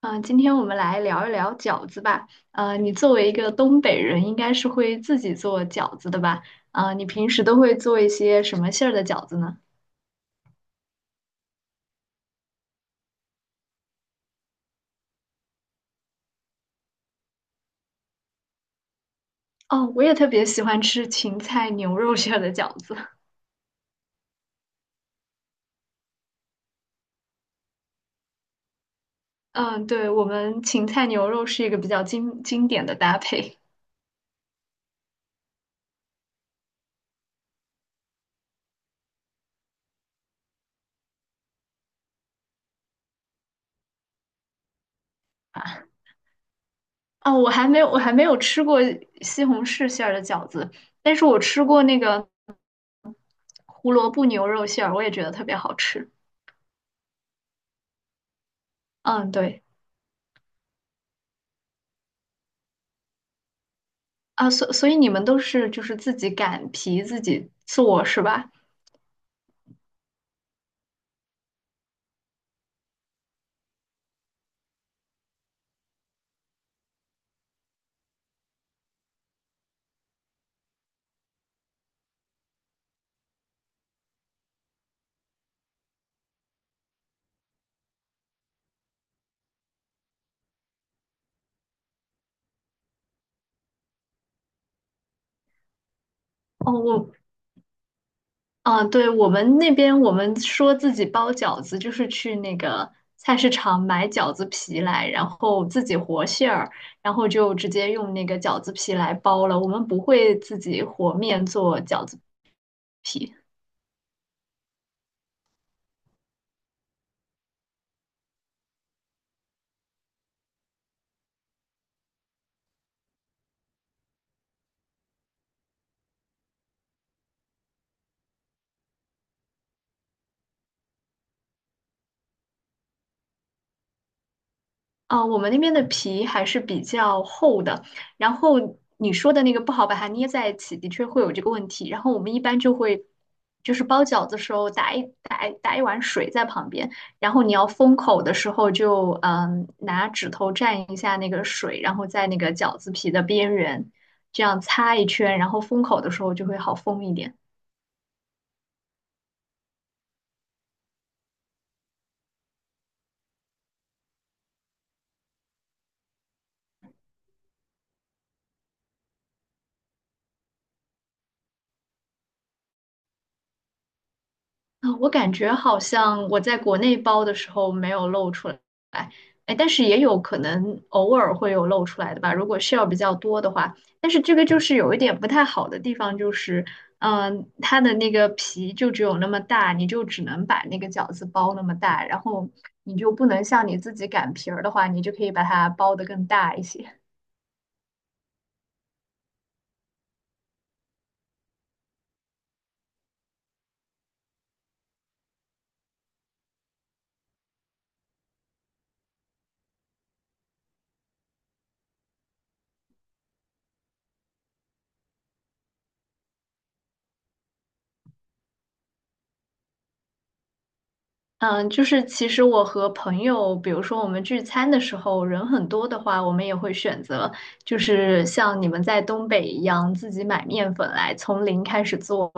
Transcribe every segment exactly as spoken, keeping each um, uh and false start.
嗯，呃今天我们来聊一聊饺子吧。呃，你作为一个东北人，应该是会自己做饺子的吧？啊，你平时都会做一些什么馅儿的饺子呢？哦，我也特别喜欢吃芹菜牛肉馅儿的饺子。嗯，对，我们芹菜牛肉是一个比较经经典的搭配。哦，我还没有，我还没有吃过西红柿馅儿的饺子，但是我吃过那个胡萝卜牛肉馅儿，我也觉得特别好吃。嗯，对。啊，所所以你们都是就是自己擀皮自己做是吧？哦，我啊，对，我们那边我们说自己包饺子，就是去那个菜市场买饺子皮来，然后自己和馅儿，然后就直接用那个饺子皮来包了。我们不会自己和面做饺子皮。啊、我们那边的皮还是比较厚的，然后你说的那个不好把它捏在一起，的确会有这个问题。然后我们一般就会，就是包饺子的时候打一打一打一碗水在旁边，然后你要封口的时候就嗯拿指头蘸一下那个水，然后在那个饺子皮的边缘这样擦一圈，然后封口的时候就会好封一点。啊，我感觉好像我在国内包的时候没有露出来，哎，但是也有可能偶尔会有露出来的吧，如果 share 比较多的话。但是这个就是有一点不太好的地方，就是，嗯、它的那个皮就只有那么大，你就只能把那个饺子包那么大，然后你就不能像你自己擀皮儿的话，你就可以把它包的更大一些。嗯，就是其实我和朋友，比如说我们聚餐的时候，人很多的话，我们也会选择，就是像你们在东北一样，自己买面粉来，从零开始做，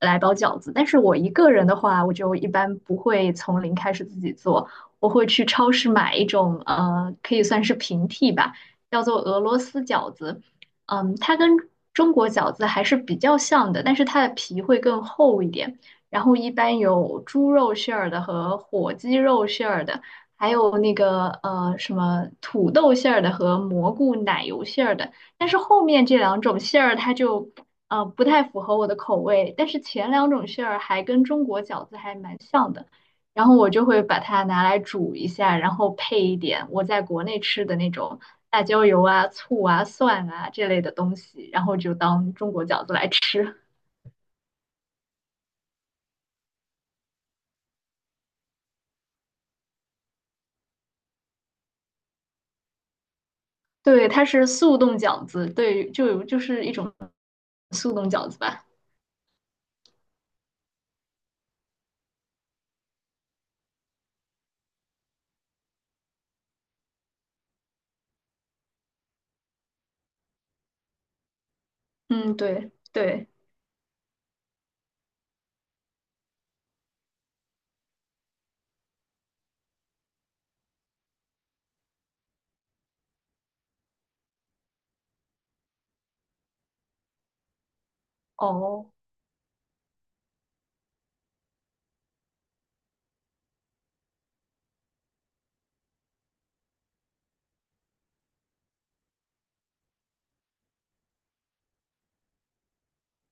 来包饺子。但是我一个人的话，我就一般不会从零开始自己做，我会去超市买一种呃，可以算是平替吧，叫做俄罗斯饺子。嗯，它跟中国饺子还是比较像的，但是它的皮会更厚一点。然后一般有猪肉馅儿的和火鸡肉馅儿的，还有那个呃什么土豆馅儿的和蘑菇奶油馅儿的。但是后面这两种馅儿它就呃，不太符合我的口味，但是前两种馅儿还跟中国饺子还蛮像的，然后我就会把它拿来煮一下，然后配一点我在国内吃的那种辣椒油啊、醋啊、蒜啊这类的东西，然后就当中国饺子来吃。对，它是速冻饺子，对，就有就是一种速冻饺子吧。嗯，对对，哦，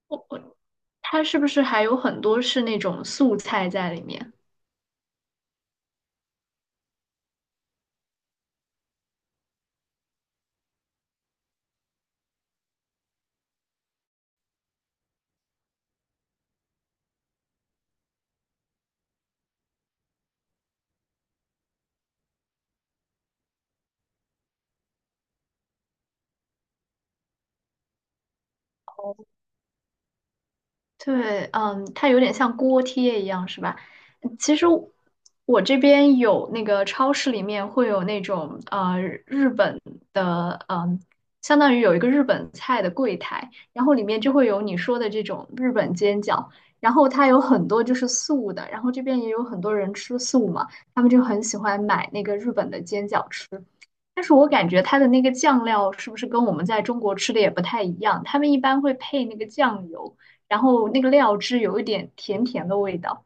我我它是不是还有很多是那种素菜在里面？对，嗯，它有点像锅贴一样，是吧？嗯其实我我这边有那个超市里面会有那种呃日本的，嗯，相当于有一个日本菜的柜台，然后里面就会有你说的这种日本煎饺，然后它有很多就是素的，然后这边也有很多人吃素嘛，他们就很喜欢买那个日本的煎饺吃。但是我感觉它的那个酱料是不是跟我们在中国吃的也不太一样？他们一般会配那个酱油。然后那个料汁有一点甜甜的味道。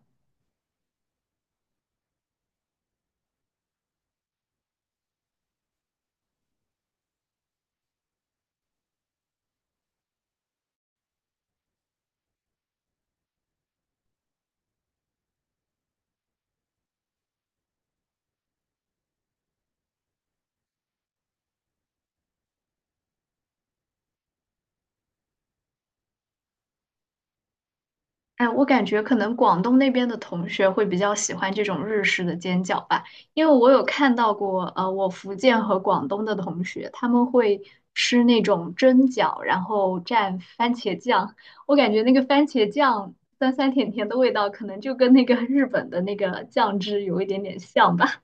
哎，我感觉可能广东那边的同学会比较喜欢这种日式的煎饺吧，因为我有看到过，呃，我福建和广东的同学他们会吃那种蒸饺，然后蘸番茄酱，我感觉那个番茄酱酸酸甜甜的味道，可能就跟那个日本的那个酱汁有一点点像吧。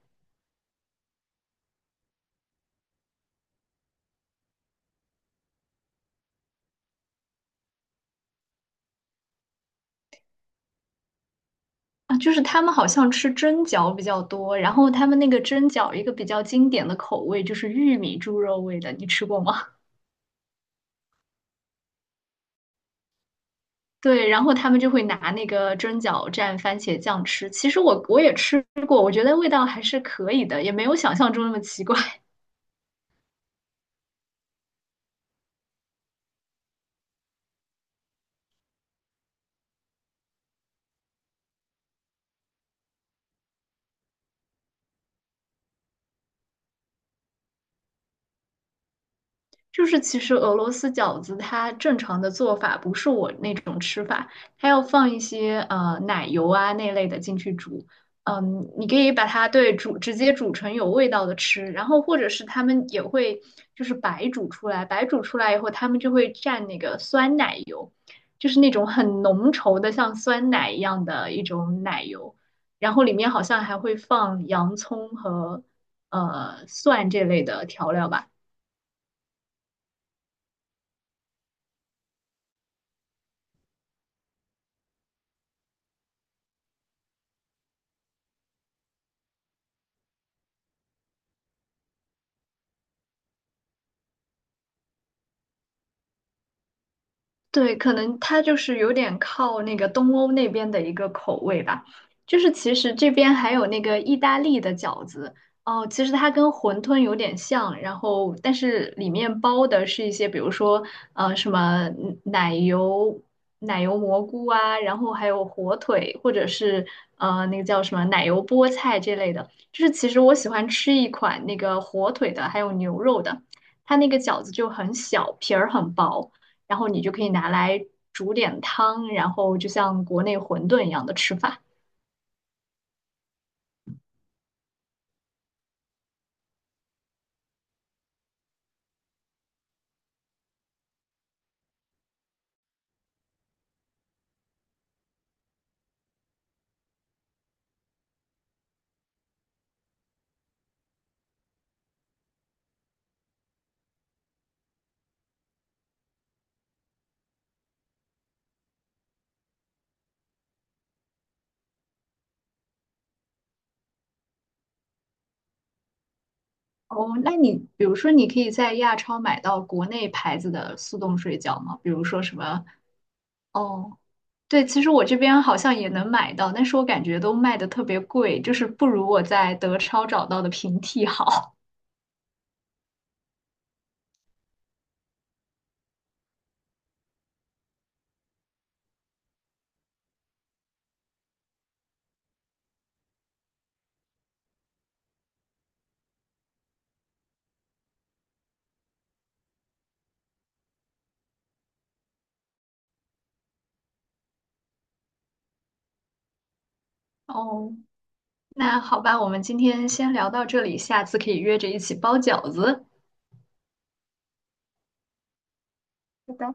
啊，就是他们好像吃蒸饺比较多，然后他们那个蒸饺一个比较经典的口味就是玉米猪肉味的，你吃过吗？对，然后他们就会拿那个蒸饺蘸番茄酱吃。其实我我也吃过，我觉得味道还是可以的，也没有想象中那么奇怪。就是其实俄罗斯饺子它正常的做法不是我那种吃法，它要放一些呃奶油啊那类的进去煮。嗯，你可以把它对煮直接煮成有味道的吃，然后或者是他们也会就是白煮出来，白煮出来以后他们就会蘸那个酸奶油，就是那种很浓稠的像酸奶一样的一种奶油，然后里面好像还会放洋葱和呃蒜这类的调料吧。对，可能它就是有点靠那个东欧那边的一个口味吧。就是其实这边还有那个意大利的饺子哦，其实它跟馄饨有点像，然后但是里面包的是一些，比如说呃什么嗯奶油奶油蘑菇啊，然后还有火腿，或者是呃那个叫什么奶油菠菜这类的。就是其实我喜欢吃一款那个火腿的，还有牛肉的，它那个饺子就很小，皮儿很薄。然后你就可以拿来煮点汤，然后就像国内馄饨一样的吃法。哦，那你比如说，你可以在亚超买到国内牌子的速冻水饺吗？比如说什么？哦，对，其实我这边好像也能买到，但是我感觉都卖的特别贵，就是不如我在德超找到的平替好。哦，那好吧，我们今天先聊到这里，下次可以约着一起包饺子。好的。